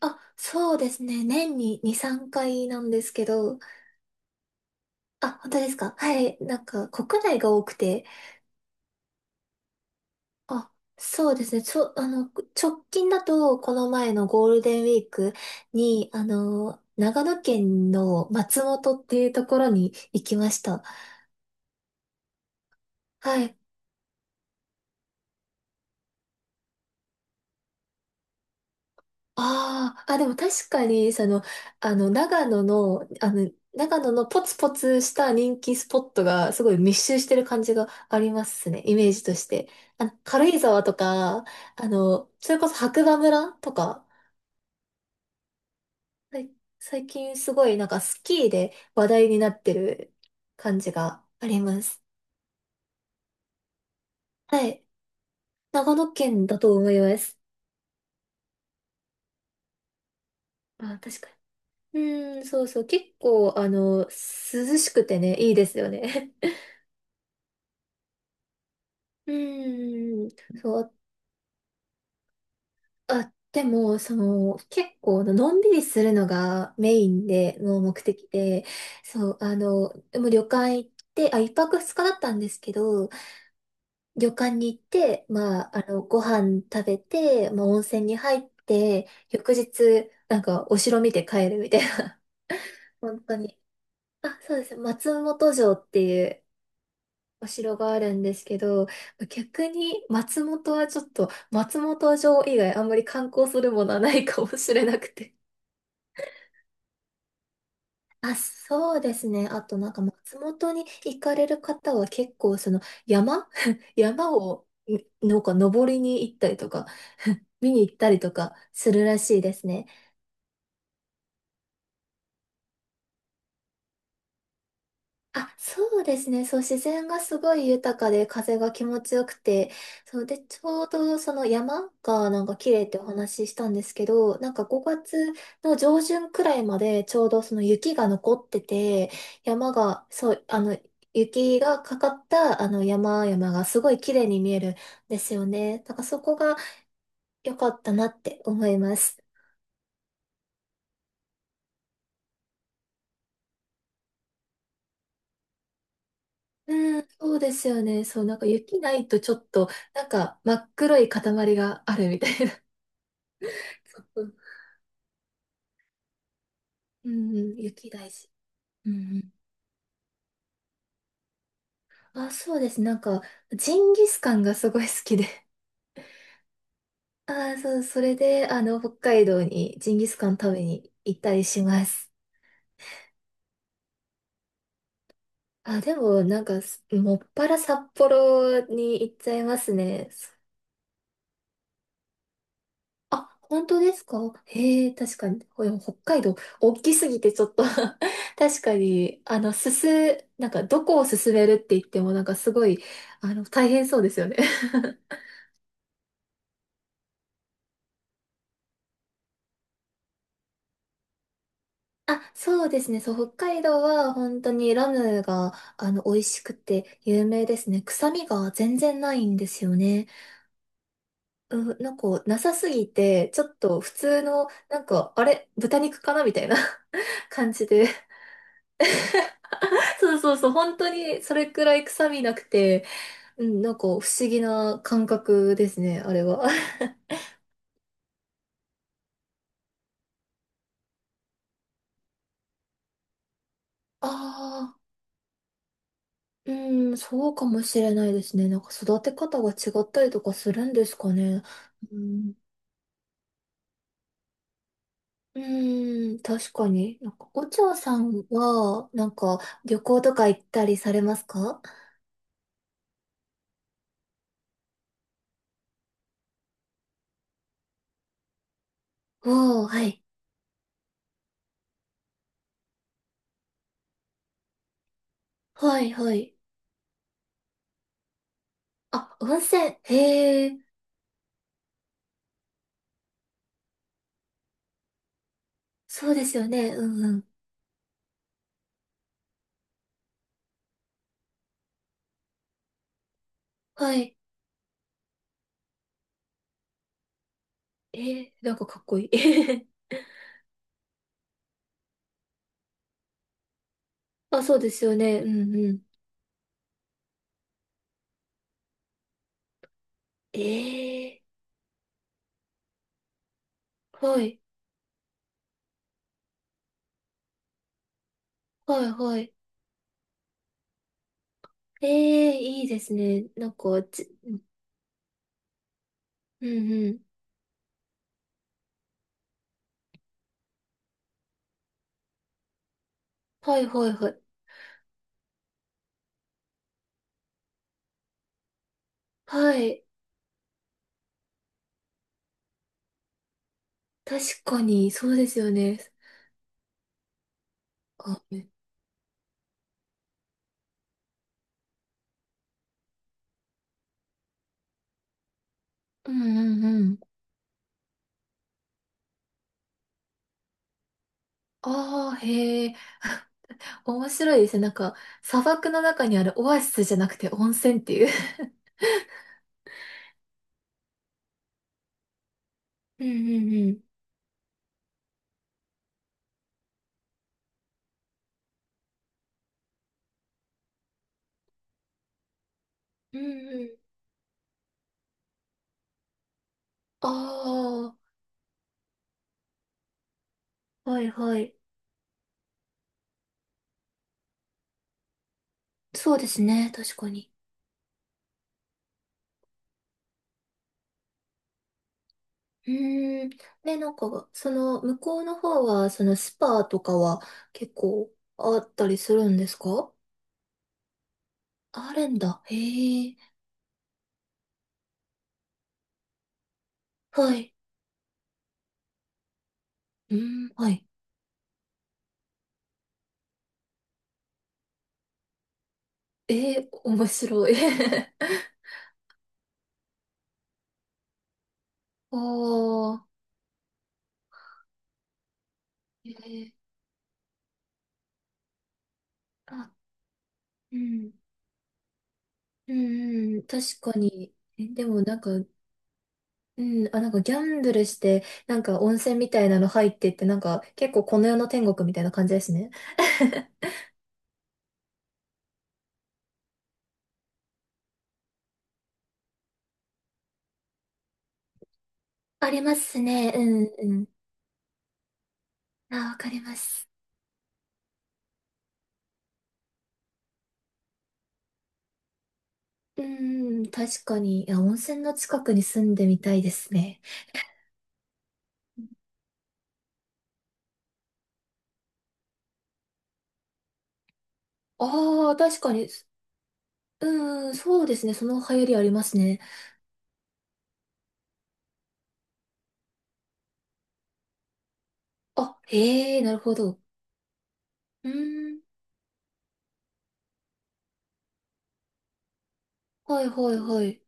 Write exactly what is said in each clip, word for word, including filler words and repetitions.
あ、そうですね。年にに、さんかいなんですけど、あ、本当ですか？はい。なんか、国内が多くて、あ、そうですね。ちょ、あの、直近だと、この前のゴールデンウィークに、あの、長野県の松本っていうところに行きました。はい。ああ、あ、でも確かに、その、あの、長野の、あの、長野のポツポツした人気スポットがすごい密集してる感じがありますね、イメージとして。あの、軽井沢とか、あの、それこそ白馬村とか。はい。最近すごいなんかスキーで話題になってる感じがあります。はい。長野県だと思います。あ、確かに。うーん、そうそう。結構、あの、涼しくてね、いいですよね。うーん、そう、あ、でも、その、結構、のんびりするのがメインで、の目的で、そう、あの、でも旅館行って、あ、一泊二日だったんですけど、旅館に行って、まあ、あの、ご飯食べて、まあ、温泉に入って、翌日、なんか、お城見て帰るみたいな。本当に。あ、そうです。松本城っていうお城があるんですけど、逆に松本はちょっと、松本城以外あんまり観光するものはないかもしれなくて。あ、そうですね。あとなんか松本に行かれる方は結構その山 山をんなんか登りに行ったりとか、見に行ったりとかするらしいですね。あ、そうですね。そう、自然がすごい豊かで風が気持ちよくて、そうで、ちょうどその山がなんか綺麗ってお話ししたんですけど、なんかごがつの上旬くらいまでちょうどその雪が残ってて、山が、そう、あの、雪がかかったあの山々がすごい綺麗に見えるんですよね。だからそこが良かったなって思います。うん、そうですよね。そう、なんか雪ないとちょっと、なんか真っ黒い塊があるみたいな。そう。うんうん、雪大事。うんうん。あ、そうです。なんか、ジンギスカンがすごい好きで。ああ、そう、それで、あの、北海道にジンギスカン食べに行ったりします。あ、でも、なんか、すもっぱら札幌に行っちゃいますね。そあ、本当ですか？へえ、確かに。ほ北海道、大きすぎてちょっと 確かに、あの、すす、なんか、どこを進めるって言っても、なんか、すごい、あの、大変そうですよね。 あ、そうですね。そう、北海道は本当にラムが、あの、美味しくて有名ですね。臭みが全然ないんですよね。うん、なんか、なさすぎて、ちょっと普通の、なんか、あれ、豚肉かなみたいな 感じで。そうそうそう、本当にそれくらい臭みなくて、うん、なんか不思議な感覚ですね、あれは。ああ、うん、そうかもしれないですね。なんか育て方が違ったりとかするんですかね。うん。うーん、確かに。なんか、お嬢さんは、なんか、旅行とか行ったりされますか？おー、はい。はい、はい。あ、温泉。へえ、そうですよね。うんうん。はい。えー、なんかかっこいい。あ、そうですよね。うんうん。ええ、はい。はい、はい。ええ、いいですね。なんか、ちうんうん。はい、はい、はい。はい。確かに、そうですよね。あ、うんうんうん。ああ、へえ。面白いですね。なんか、砂漠の中にあるオアシスじゃなくて温泉っていう。うんうんうん。うんうん。ああ、はいはい。そうですね、確かに。うーん。ね、なんか、その、向こうの方は、そのスパとかは結構あったりするんですか？あるんだ。へえ。はい。うーん、はい。ええ、面白い。ああ、ええ、あ、うん。うんうん、確かに。え、でもなんか、うん、あ、なんかギャンブルして、なんか温泉みたいなの入ってって、なんか結構この世の天国みたいな感じですね。ありますね。うんうん。あ、わかります。うんうん、確かに。いや、温泉の近くに住んでみたいですね。ああ、確かに。うん、そうですね。その流行りありますね。あ、へえ、なるほど。うん、はいはいはい。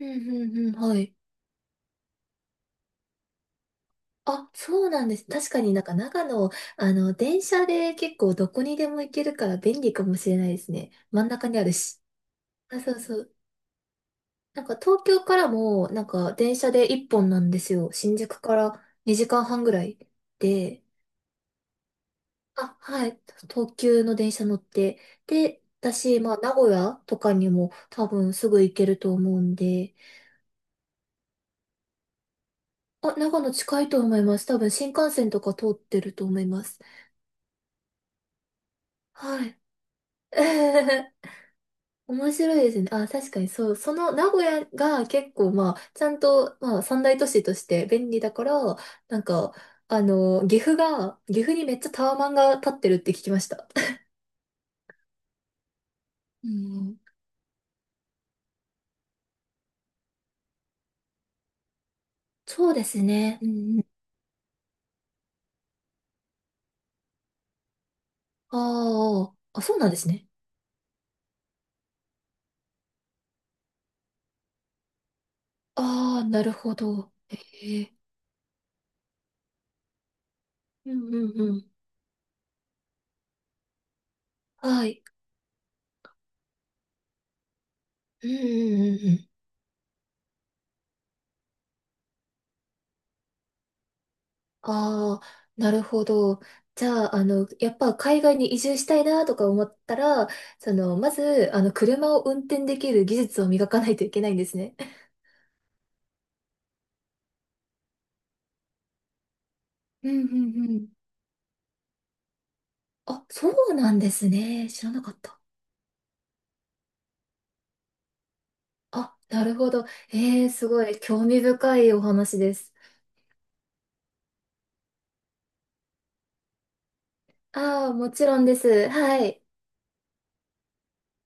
うんうんうん、はい。あ、そうなんです。確かになんか長野、あの、電車で結構どこにでも行けるから便利かもしれないですね。真ん中にあるし。あ、そうそう。なんか東京からも、なんか電車で一本なんですよ。新宿からにじかんはんぐらいで。あ、はい。東急の電車乗って。で、私、まあ、名古屋とかにも多分すぐ行けると思うんで。あ、長野近いと思います。多分新幹線とか通ってると思います。はい。面白いですね。あ、確かにそう。その名古屋が結構まあ、ちゃんとまあ、三大都市として便利だから、なんか、あの、岐阜が、岐阜にめっちゃタワマンが立ってるって聞きました。うん、そうですね。うんうん。ああ、あ、そうなんですね。ああ、なるほど。ええ。うんうんうん。はい。うんうんうんうん。ああ、なるほど。じゃあ、あの、やっぱ海外に移住したいなとか思ったら、その、まず、あの、車を運転できる技術を磨かないといけないんですね。うんうんうん。あ、そうなんですね。知らなかった。あ、なるほど。えー、すごい興味深いお話です。ああ、もちろんです。はい。